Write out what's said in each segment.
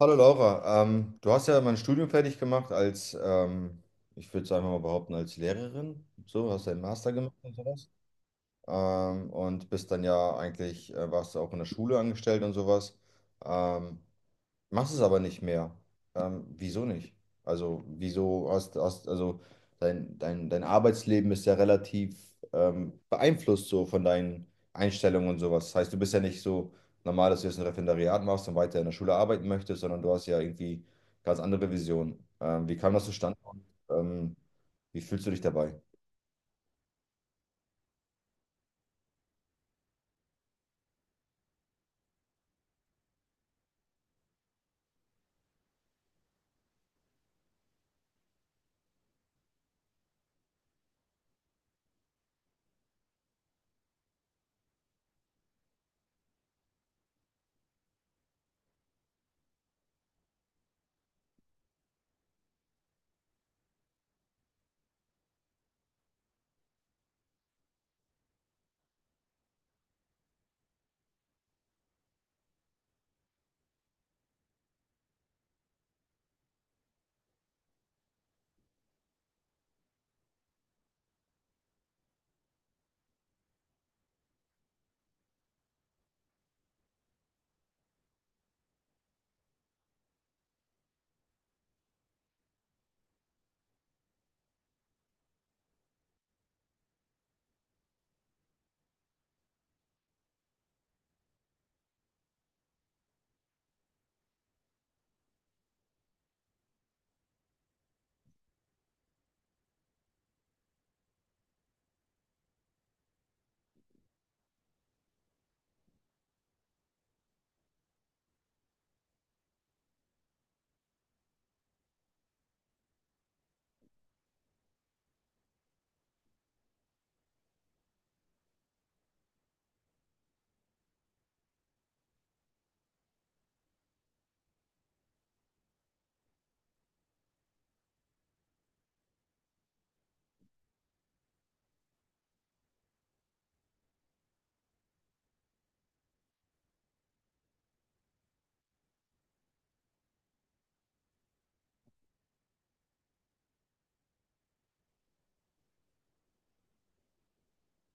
Hallo Laura, du hast ja mein Studium fertig gemacht als, ich würde es einfach mal behaupten, als Lehrerin. So, hast deinen Master gemacht und sowas. Und bist dann ja eigentlich, warst du auch in der Schule angestellt und sowas. Ähm, Machst es aber nicht mehr. Wieso nicht? Also, wieso hast also dein Arbeitsleben ist ja relativ beeinflusst so von deinen Einstellungen und sowas. Das heißt, du bist ja nicht so normal, dass du jetzt ein Referendariat machst und weiter in der Schule arbeiten möchtest, sondern du hast ja irgendwie ganz andere Visionen. Wie kam das zustande? Ähm, Wie fühlst du dich dabei?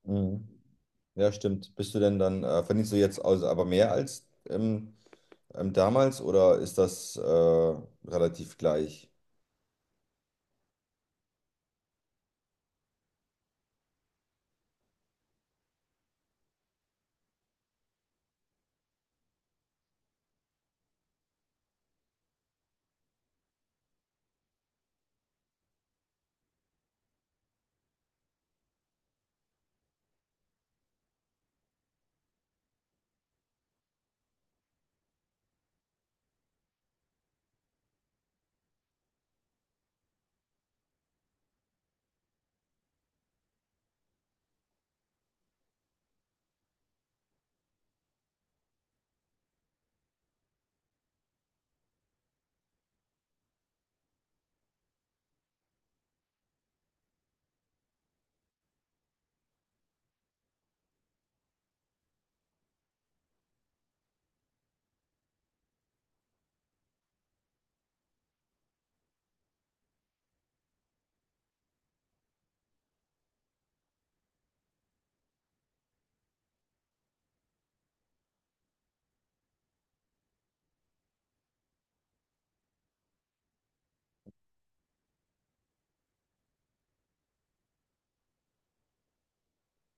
Mhm. Ja, stimmt. Bist du denn dann, Verdienst du jetzt also aber mehr als damals oder ist das relativ gleich?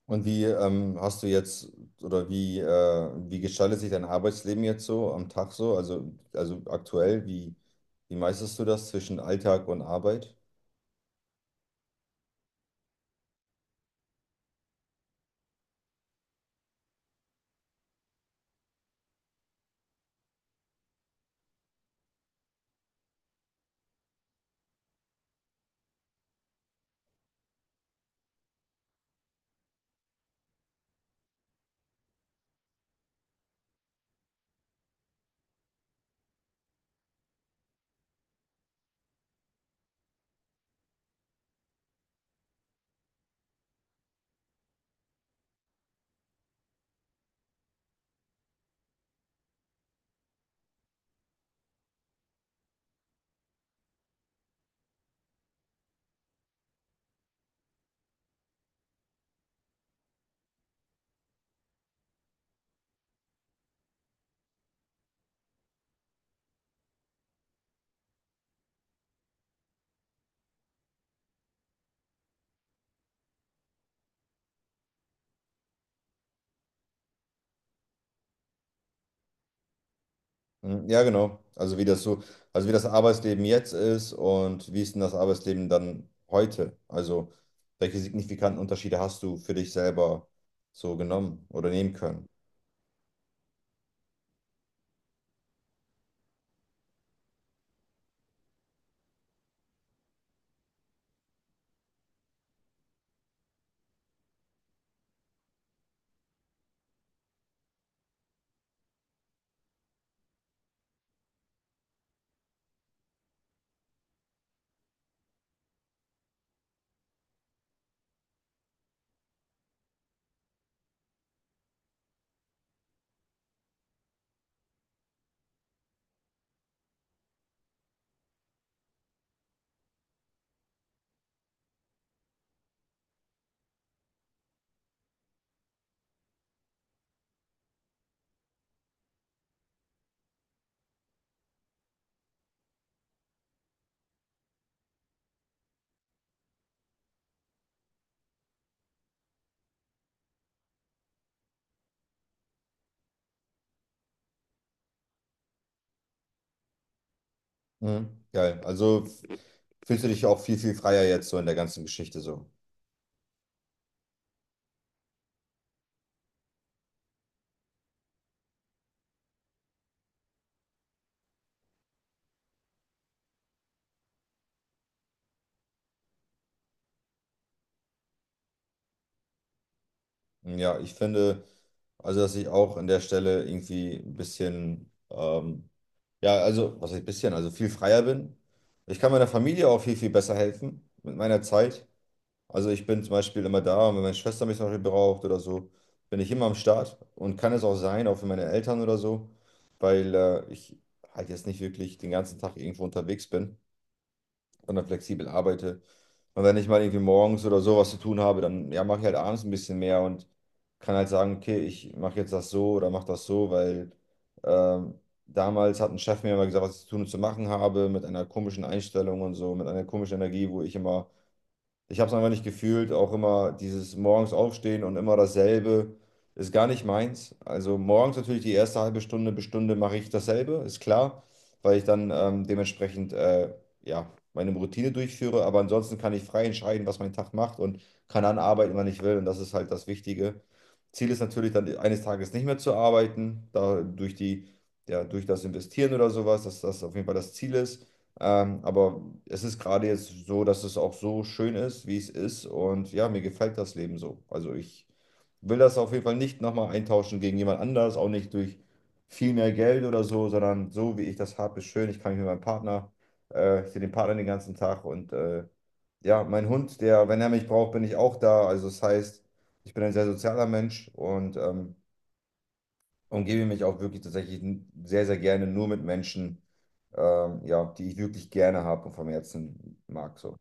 Und wie hast du jetzt oder wie gestaltet sich dein Arbeitsleben jetzt so am Tag so? Also aktuell, wie meisterst du das zwischen Alltag und Arbeit? Mhm, ja, genau. Also wie das so, also wie das Arbeitsleben jetzt ist und wie ist denn das Arbeitsleben dann heute? Also welche signifikanten Unterschiede hast du für dich selber so genommen oder nehmen können? Mhm. Geil. Fühlst du dich auch viel, viel freier jetzt so in der ganzen Geschichte so? Hm, ja, ich finde, also dass ich auch an der Stelle irgendwie ein bisschen, ja, also was heißt bisschen, also viel freier bin. Ich kann meiner Familie auch viel, viel besser helfen mit meiner Zeit. Also ich bin zum Beispiel immer da, und wenn meine Schwester mich zum Beispiel braucht oder so, bin ich immer am Start, und kann es auch sein, auch für meine Eltern oder so, weil ich halt jetzt nicht wirklich den ganzen Tag irgendwo unterwegs bin, sondern flexibel arbeite. Und wenn ich mal irgendwie morgens oder so was zu tun habe, dann ja, mache ich halt abends ein bisschen mehr und kann halt sagen, okay, ich mache jetzt das so oder mache das so, weil ähm, damals hat ein Chef mir immer gesagt, was ich zu tun und zu machen habe, mit einer komischen Einstellung und so, mit einer komischen Energie, wo ich immer, ich habe es einfach nicht gefühlt, auch immer dieses morgens aufstehen und immer dasselbe ist gar nicht meins. Also morgens natürlich die erste halbe Stunde bis Stunde mache ich dasselbe, ist klar, weil ich dann dementsprechend ja, meine Routine durchführe. Aber ansonsten kann ich frei entscheiden, was mein Tag macht, und kann dann arbeiten, wann ich will. Und das ist halt das Wichtige. Ziel ist natürlich dann eines Tages nicht mehr zu arbeiten, da durch die, ja, durch das Investieren oder sowas, dass das auf jeden Fall das Ziel ist. Aber es ist gerade jetzt so, dass es auch so schön ist, wie es ist. Und ja, mir gefällt das Leben so. Also ich will das auf jeden Fall nicht nochmal eintauschen gegen jemand anders, auch nicht durch viel mehr Geld oder so, sondern so, wie ich das habe, ist schön. Ich kann mich mit meinem Partner, Ich sehe den Partner den ganzen Tag, und ja, mein Hund, der, wenn er mich braucht, bin ich auch da. Also das heißt, ich bin ein sehr sozialer Mensch und umgebe mich auch wirklich tatsächlich sehr, sehr gerne nur mit Menschen, ja, die ich wirklich gerne habe und vom Herzen mag. So.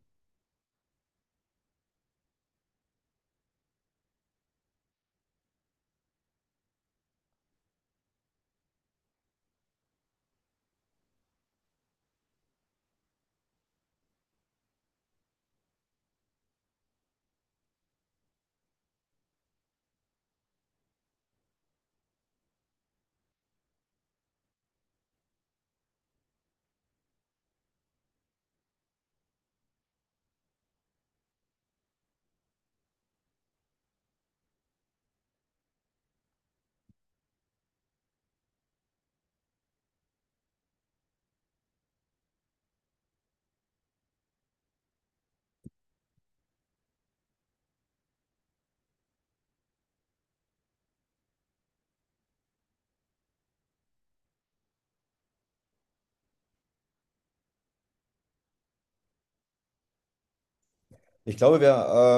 Ich glaube, wir,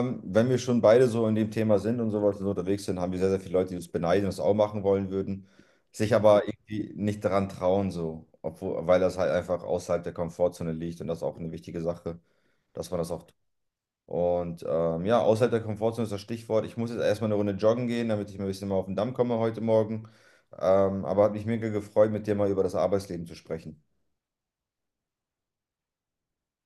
ähm, wenn wir schon beide so in dem Thema sind und sowas und so unterwegs sind, haben wir sehr, sehr viele Leute, die uns beneiden und das auch machen wollen würden, sich aber irgendwie nicht daran trauen, so, obwohl, weil das halt einfach außerhalb der Komfortzone liegt, und das ist auch eine wichtige Sache, dass man das auch. Und ja, außerhalb der Komfortzone ist das Stichwort. Ich muss jetzt erstmal eine Runde joggen gehen, damit ich mal ein bisschen mal auf den Damm komme heute Morgen. Aber hat mich mega gefreut, mit dir mal über das Arbeitsleben zu sprechen.